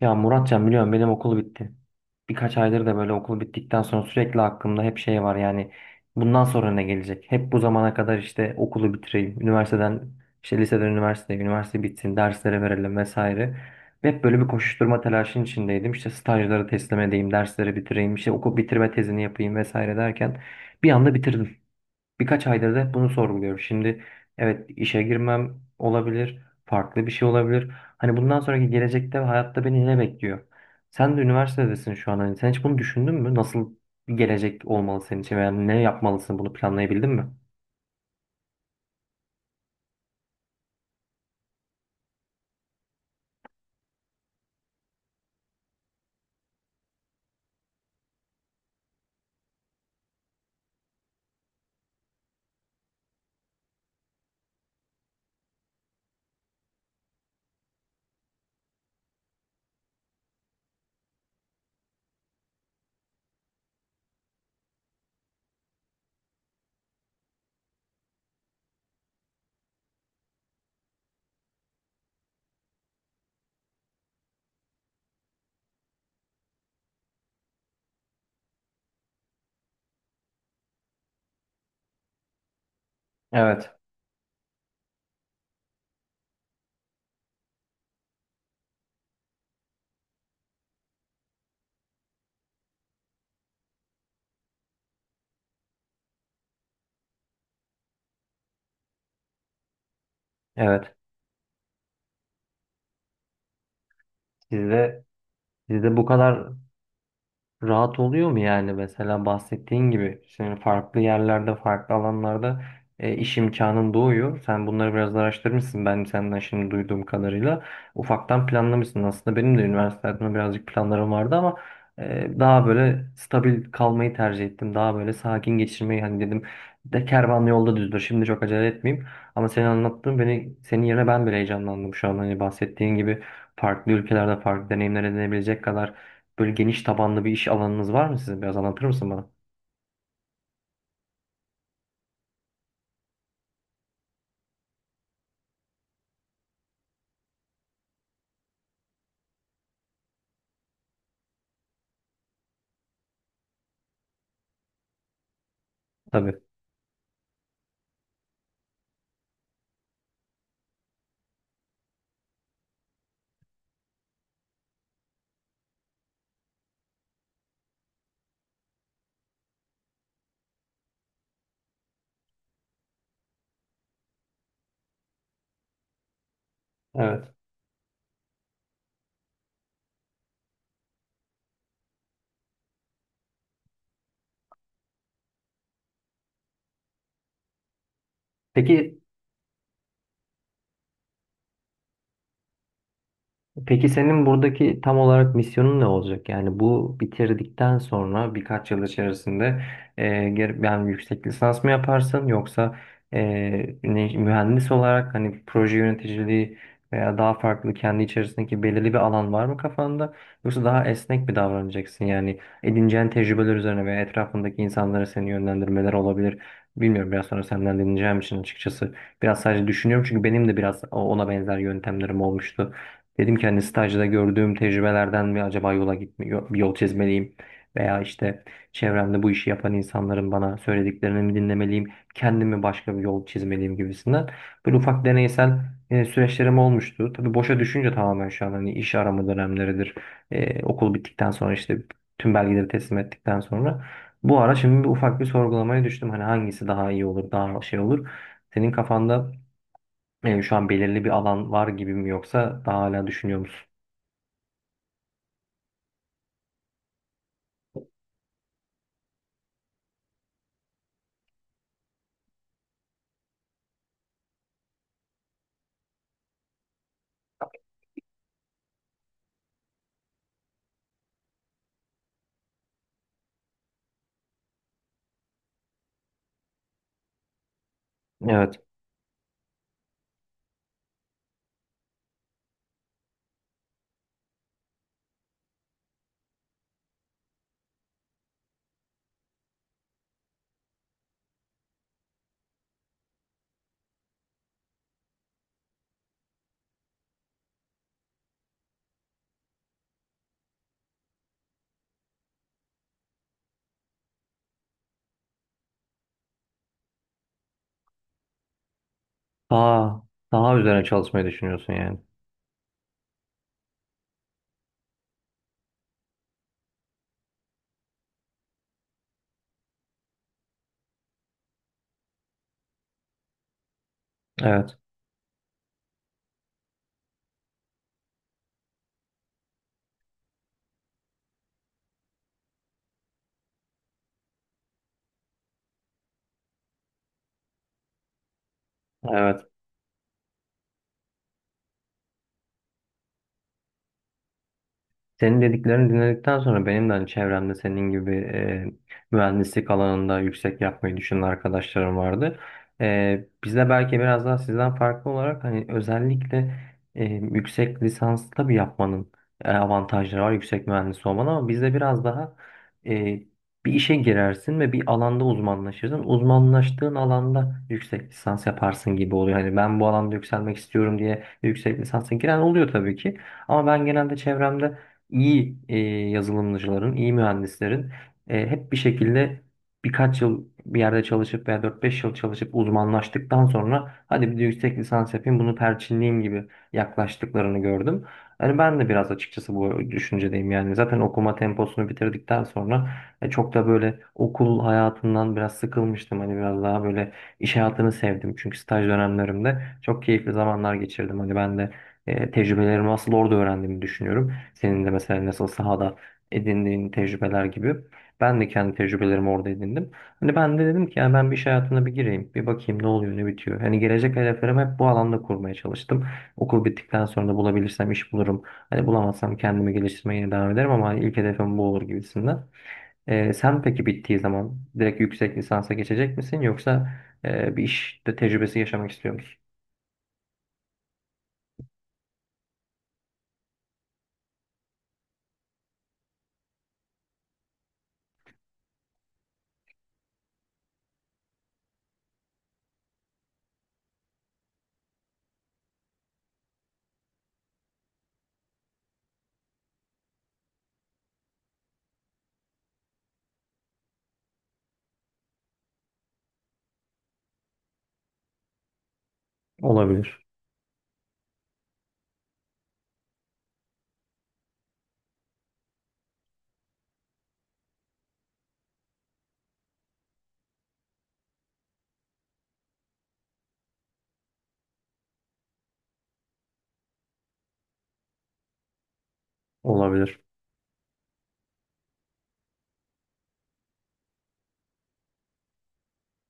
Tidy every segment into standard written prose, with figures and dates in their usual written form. Ya Muratcan biliyorum benim okul bitti. Birkaç aydır da böyle okul bittikten sonra sürekli aklımda hep şey var yani bundan sonra ne gelecek? Hep bu zamana kadar işte okulu bitireyim, üniversiteden işte liseden üniversiteye, üniversite bitsin, derslere verelim vesaire. Hep böyle bir koşuşturma telaşının içindeydim. İşte stajları teslim edeyim, dersleri bitireyim, işte okul bitirme tezini yapayım vesaire derken bir anda bitirdim. Birkaç aydır da hep bunu sorguluyorum. Şimdi evet, işe girmem olabilir, farklı bir şey olabilir. Hani bundan sonraki gelecekte ve hayatta beni ne bekliyor? Sen de üniversitedesin şu an. Hani sen hiç bunu düşündün mü? Nasıl bir gelecek olmalı senin için veya ne yapmalısın? Bunu planlayabildin mi? Evet, evet. Sizde sizde bu kadar rahat oluyor mu yani mesela bahsettiğin gibi senin farklı yerlerde farklı alanlarda iş imkanın doğuyor. Sen bunları biraz da araştırmışsın, ben senden şimdi duyduğum kadarıyla. Ufaktan planlamışsın aslında, benim de üniversitede birazcık planlarım vardı ama daha böyle stabil kalmayı tercih ettim. Daha böyle sakin geçirmeyi, hani dedim de kervan yolda düzdür, şimdi çok acele etmeyeyim. Ama senin anlattığın, beni senin yerine ben bile heyecanlandım şu an, hani bahsettiğin gibi farklı ülkelerde farklı deneyimler edinebilecek kadar böyle geniş tabanlı bir iş alanınız var mı sizin? Biraz anlatır mısın bana? Tabii. Evet. Peki Peki senin buradaki tam olarak misyonun ne olacak? Yani bu bitirdikten sonra birkaç yıl içerisinde yani yüksek lisans mı yaparsın yoksa e, mühendis olarak hani proje yöneticiliği veya daha farklı kendi içerisindeki belirli bir alan var mı kafanda? Yoksa daha esnek bir davranacaksın? Yani edineceğin tecrübeler üzerine veya etrafındaki insanlara seni yönlendirmeler olabilir. Bilmiyorum, biraz sonra senden dinleyeceğim için açıkçası biraz sadece düşünüyorum, çünkü benim de biraz ona benzer yöntemlerim olmuştu. Dedim ki hani stajda gördüğüm tecrübelerden mi acaba yola gitme, bir yol çizmeliyim veya işte çevremde bu işi yapan insanların bana söylediklerini mi dinlemeliyim, kendime başka bir yol çizmeliyim gibisinden. Böyle ufak deneysel süreçlerim olmuştu. Tabii boşa düşünce tamamen şu an hani iş arama dönemleridir. Okul bittikten sonra işte tüm belgeleri teslim ettikten sonra bu ara şimdi bir ufak bir sorgulamaya düştüm. Hani hangisi daha iyi olur, daha şey olur. Senin kafanda şu an belirli bir alan var gibi mi yoksa daha hala düşünüyor musun? Evet. Daha daha üzerine çalışmayı düşünüyorsun yani. Evet. Evet. Senin dediklerini dinledikten sonra benim de hani çevremde senin gibi mühendislik alanında yüksek yapmayı düşünen arkadaşlarım vardı. Biz de belki biraz daha sizden farklı olarak hani özellikle yüksek lisans tabii yapmanın avantajları var yüksek mühendis olmanın, ama bizde biraz daha e, bir işe girersin ve bir alanda uzmanlaşırsın. Uzmanlaştığın alanda yüksek lisans yaparsın gibi oluyor. Hani ben bu alanda yükselmek istiyorum diye yüksek lisansa giren oluyor tabii ki. Ama ben genelde çevremde iyi yazılımcıların, iyi mühendislerin hep bir şekilde birkaç yıl bir yerde çalışıp veya dört beş yıl çalışıp uzmanlaştıktan sonra hadi bir de yüksek lisans yapayım bunu perçinleyeyim gibi yaklaştıklarını gördüm. Yani ben de biraz açıkçası bu düşüncedeyim, yani zaten okuma temposunu bitirdikten sonra çok da böyle okul hayatından biraz sıkılmıştım. Hani biraz daha böyle iş hayatını sevdim çünkü staj dönemlerimde çok keyifli zamanlar geçirdim. Hani ben de tecrübelerimi asıl orada öğrendiğimi düşünüyorum. Senin de mesela nasıl sahada edindiğin tecrübeler gibi. Ben de kendi tecrübelerimi orada edindim. Hani ben de dedim ki yani ben bir iş hayatına bir gireyim. Bir bakayım ne oluyor ne bitiyor. Hani gelecek hedeflerimi hep bu alanda kurmaya çalıştım. Okul bittikten sonra da bulabilirsem iş bulurum. Hani bulamazsam kendimi geliştirmeye yine devam ederim ama hani ilk hedefim bu olur gibisinden. Sen peki bittiği zaman direkt yüksek lisansa geçecek misin yoksa bir işte tecrübesi yaşamak istiyor musun? Olabilir. Olabilir.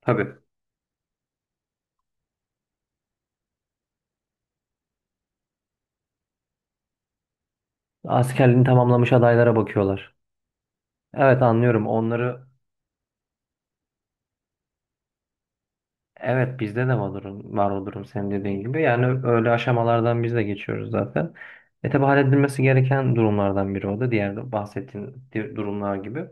Tabii. Askerliğini tamamlamış adaylara bakıyorlar. Evet, anlıyorum. Onları evet, bizde de var o durum, var o durum senin dediğin gibi. Yani öyle aşamalardan biz de geçiyoruz zaten. E tabi, halledilmesi gereken durumlardan biri o da diğer bahsettiğin durumlar gibi.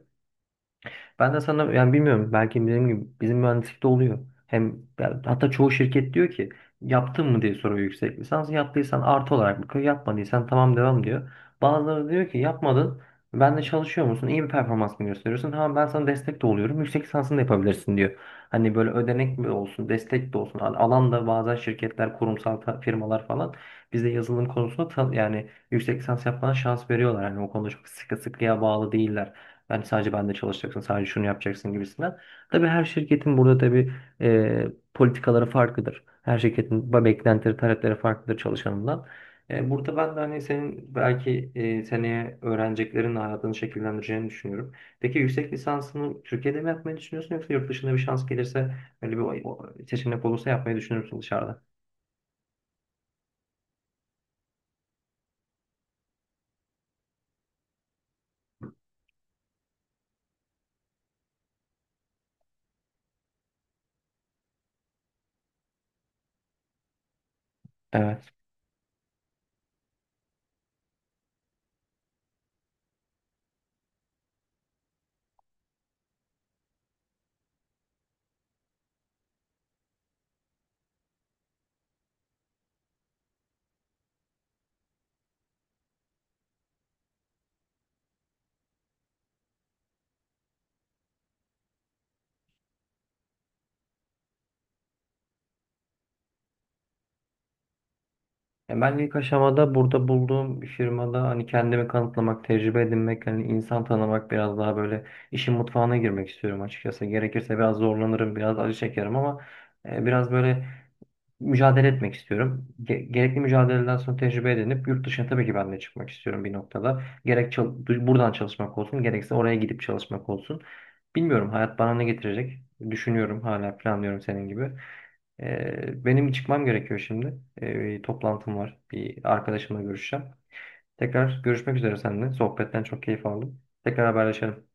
Ben de sana yani bilmiyorum belki bizim gibi bizim mühendislikte oluyor. Hem yani hatta çoğu şirket diyor ki yaptın mı diye soruyor yüksek lisans. Yaptıysan artı olarak bakıyor. Yapmadıysan tamam devam diyor. Bazıları diyor ki yapmadın. Ben de çalışıyor musun? İyi bir performans mı gösteriyorsun? Tamam ben sana destek de oluyorum. Yüksek lisansını da yapabilirsin diyor. Hani böyle ödenek mi olsun, destek de olsun. Alanda bazen şirketler, kurumsal firmalar falan bizde yazılım konusunda yani yüksek lisans yapmana şans veriyorlar. Hani o konuda çok sıkı sıkıya bağlı değiller. Yani sadece bende çalışacaksın, sadece şunu yapacaksın gibisinden. Tabii her şirketin burada tabii e, politikaları farklıdır. Her şirketin beklentileri, talepleri farklıdır çalışanından. Burada ben de hani senin belki seneye öğreneceklerin hayatını şekillendireceğini düşünüyorum. Peki yüksek lisansını Türkiye'de mi yapmayı düşünüyorsun yoksa yurt dışında bir şans gelirse öyle bir seçenek olursa yapmayı düşünür müsün dışarıda? Evet. Ya ben ilk aşamada burada bulduğum firmada hani kendimi kanıtlamak, tecrübe edinmek, hani insan tanımak, biraz daha böyle işin mutfağına girmek istiyorum açıkçası. Gerekirse biraz zorlanırım, biraz acı çekerim ama biraz böyle mücadele etmek istiyorum. Gerekli mücadeleden sonra tecrübe edinip yurt dışına tabii ki ben de çıkmak istiyorum bir noktada. Gerek buradan çalışmak olsun, gerekse oraya gidip çalışmak olsun. Bilmiyorum hayat bana ne getirecek. Düşünüyorum, hala planlıyorum senin gibi. Benim çıkmam gerekiyor şimdi. Bir toplantım var. Bir arkadaşımla görüşeceğim. Tekrar görüşmek üzere seninle. Sohbetten çok keyif aldım. Tekrar haberleşelim.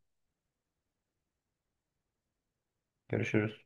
Görüşürüz.